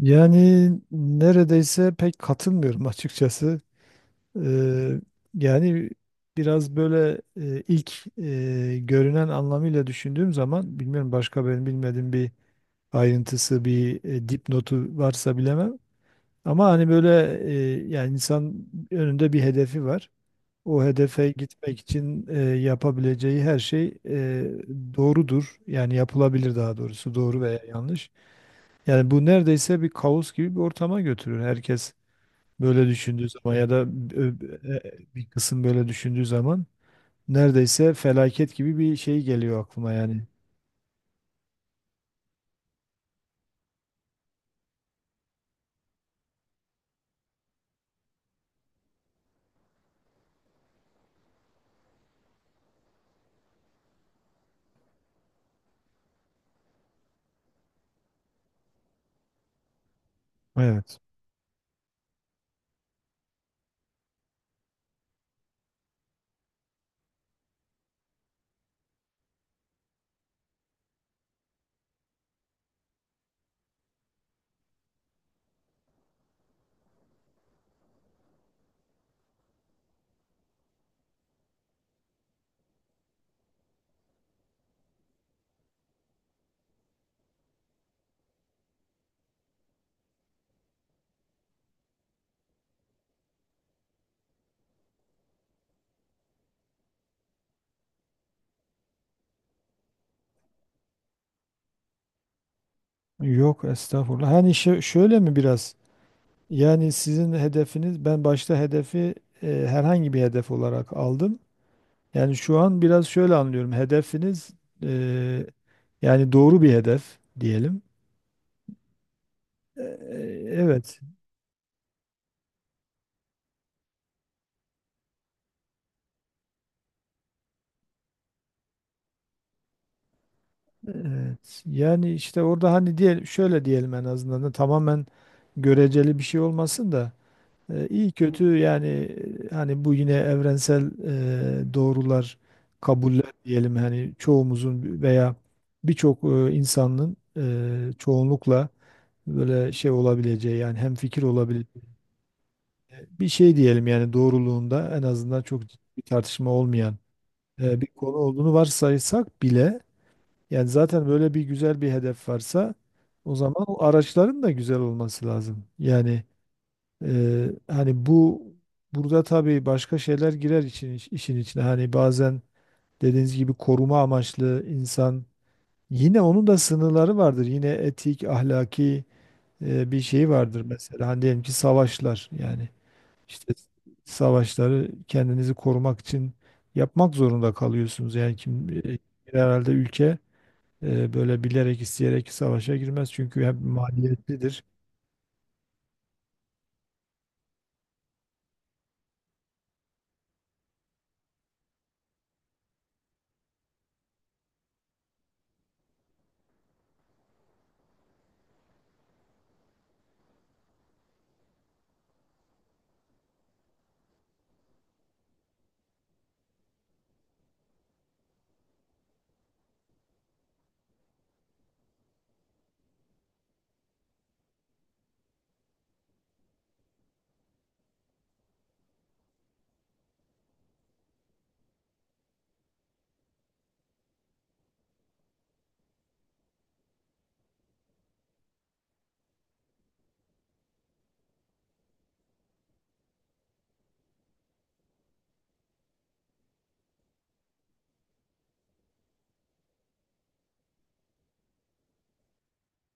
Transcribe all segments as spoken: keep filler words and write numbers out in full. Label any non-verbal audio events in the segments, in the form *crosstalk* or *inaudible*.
Yani neredeyse pek katılmıyorum açıkçası. Eee, yani biraz böyle e, ilk e, görünen anlamıyla düşündüğüm zaman bilmiyorum, başka benim bilmediğim bir ayrıntısı, bir e, dipnotu varsa bilemem. Ama hani böyle e, yani insan önünde bir hedefi var. O hedefe gitmek için e, yapabileceği her şey e, doğrudur. Yani yapılabilir, daha doğrusu doğru veya yanlış. Yani bu neredeyse bir kaos gibi bir ortama götürür. Herkes böyle düşündüğü zaman ya da ö- e, bir kısım böyle düşündüğü zaman neredeyse felaket gibi bir şey geliyor aklıma yani. Evet. Yok estağfurullah. Hani şö- şöyle mi biraz? Yani sizin hedefiniz, ben başta hedefi e, herhangi bir hedef olarak aldım. Yani şu an biraz şöyle anlıyorum. Hedefiniz e, yani doğru bir hedef diyelim. E, e, Evet. Evet. Yani işte orada hani diyelim, şöyle diyelim, en azından da tamamen göreceli bir şey olmasın da e, iyi kötü yani e, hani bu yine evrensel e, doğrular, kabuller diyelim, hani çoğumuzun veya birçok e, insanın e, çoğunlukla böyle şey olabileceği, yani hem fikir olabileceği bir şey diyelim, yani doğruluğunda en azından çok ciddi bir tartışma olmayan e, bir konu olduğunu varsaysak bile, yani zaten böyle bir güzel bir hedef varsa o zaman o araçların da güzel olması lazım. Yani e, hani bu burada tabii başka şeyler girer için, işin içine. Hani bazen dediğiniz gibi koruma amaçlı, insan yine onun da sınırları vardır. Yine etik, ahlaki e, bir şey vardır mesela. Hani diyelim ki savaşlar, yani işte savaşları kendinizi korumak için yapmak zorunda kalıyorsunuz. Yani kim e, herhalde ülke e, böyle bilerek isteyerek savaşa girmez, çünkü hep maliyetlidir.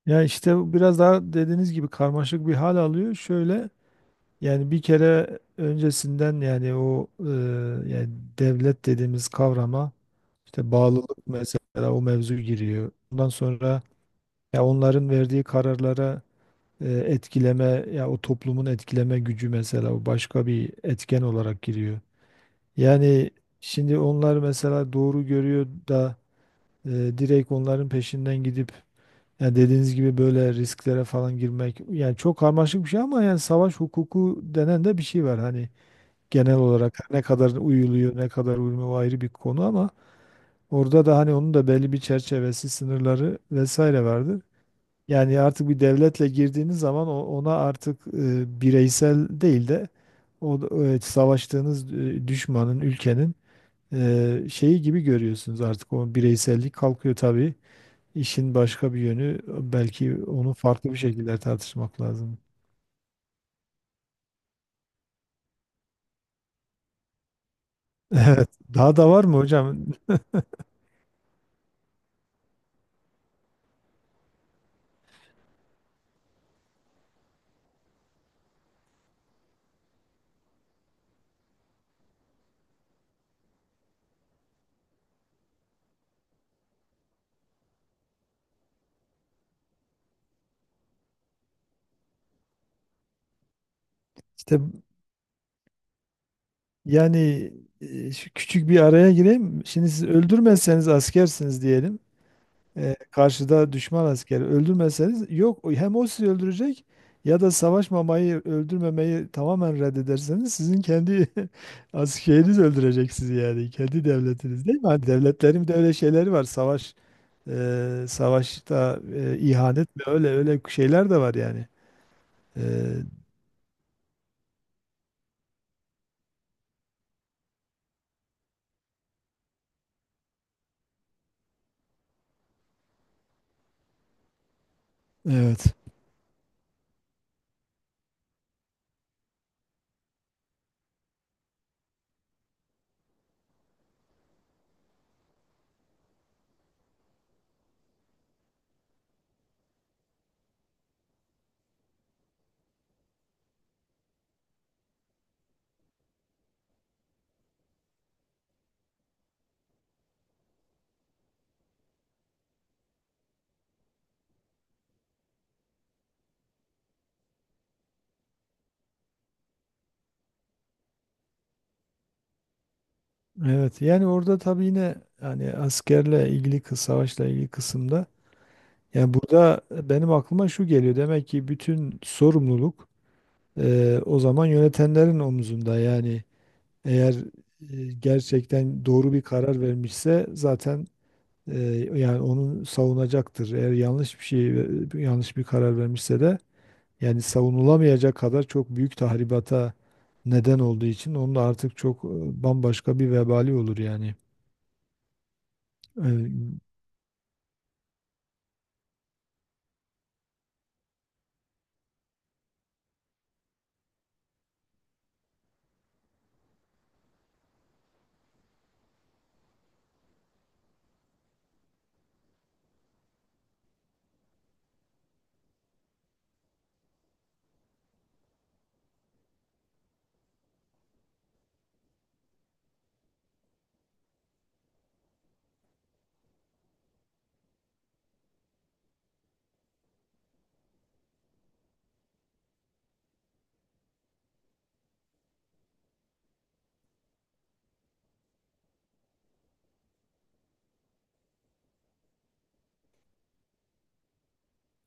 Ya işte bu biraz daha dediğiniz gibi karmaşık bir hal alıyor. Şöyle, yani bir kere öncesinden yani o e, yani devlet dediğimiz kavrama işte bağlılık mesela, o mevzu giriyor. Ondan sonra ya onların verdiği kararlara e, etkileme, ya o toplumun etkileme gücü mesela, o başka bir etken olarak giriyor. Yani şimdi onlar mesela doğru görüyor da E, direkt onların peşinden gidip, yani dediğiniz gibi böyle risklere falan girmek, yani çok karmaşık bir şey. Ama yani savaş hukuku denen de bir şey var hani, genel olarak ne kadar uyuluyor ne kadar uyulmuyor o ayrı bir konu, ama orada da hani onun da belli bir çerçevesi, sınırları vesaire vardır. Yani artık bir devletle girdiğiniz zaman o- ona artık e, bireysel değil de o e, savaştığınız e, düşmanın, ülkenin e, şeyi gibi görüyorsunuz, artık o bireysellik kalkıyor tabii. İşin başka bir yönü, belki onu farklı bir şekilde tartışmak lazım. *laughs* Evet. Daha da var mı hocam? İşte yani e, şu küçük bir araya gireyim. Şimdi siz öldürmezseniz, askersiniz diyelim. E, karşıda düşman askeri öldürmezseniz, yok o- hem o sizi öldürecek ya da savaşmamayı, öldürmemeyi tamamen reddederseniz, sizin kendi *laughs* askeriniz öldürecek sizi, yani kendi devletiniz, değil mi? Hani devletlerin de öyle şeyleri var, savaş. Ee, savaşta e, ihanet mi, öyle öyle şeyler de var yani. Ee, evet. Evet. Yani orada tabii yine, yani askerle ilgili kı- savaşla ilgili kısımda, yani burada benim aklıma şu geliyor. Demek ki bütün sorumluluk e, o zaman yönetenlerin omuzunda. Yani eğer e, gerçekten doğru bir karar vermişse zaten e, yani onu savunacaktır. Eğer yanlış bir şey yanlış bir karar vermişse de, yani savunulamayacak kadar çok büyük tahribata neden olduğu için, onun da artık çok e, bambaşka bir vebali olur yani. E,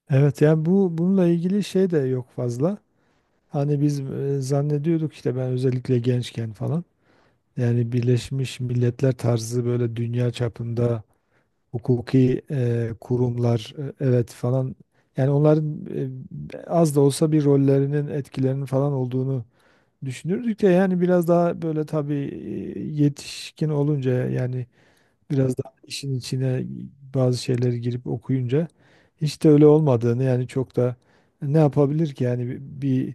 Evet, yani bu bununla ilgili şey de yok fazla. Hani biz e, zannediyorduk işte, ben özellikle gençken falan. Yani Birleşmiş Milletler tarzı böyle dünya çapında hukuki e, kurumlar e, evet falan. Yani onların e, az da olsa bir rollerinin, etkilerinin falan olduğunu düşünürdük de, yani biraz daha böyle tabii e, yetişkin olunca, yani biraz daha işin içine bazı şeyleri girip okuyunca hiç de öyle olmadığını, yani çok da ne yapabilir ki yani bir, bir-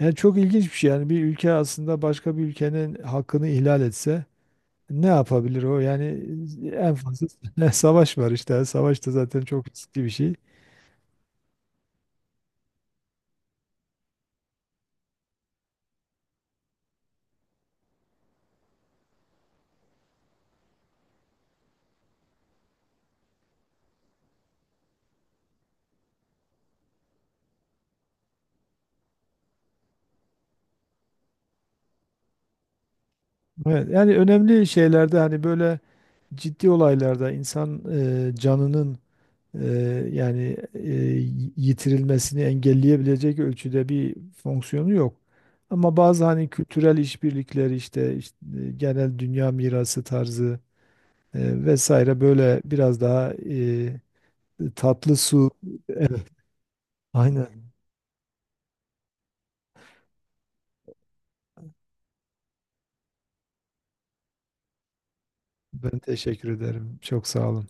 yani çok ilginç bir şey, yani bir ülke aslında başka bir ülkenin hakkını ihlal etse ne yapabilir o yani? En fazla *laughs* savaş var işte. Yani savaş da zaten çok riskli bir şey. Evet, yani önemli şeylerde hani böyle ciddi olaylarda insan e, canının e, yani e, yitirilmesini engelleyebilecek ölçüde bir fonksiyonu yok. Ama bazı hani kültürel işbirlikleri işte, işte e, genel dünya mirası tarzı e, vesaire, böyle biraz daha e, tatlı su. Evet, aynen. Ben teşekkür ederim. Çok sağ olun.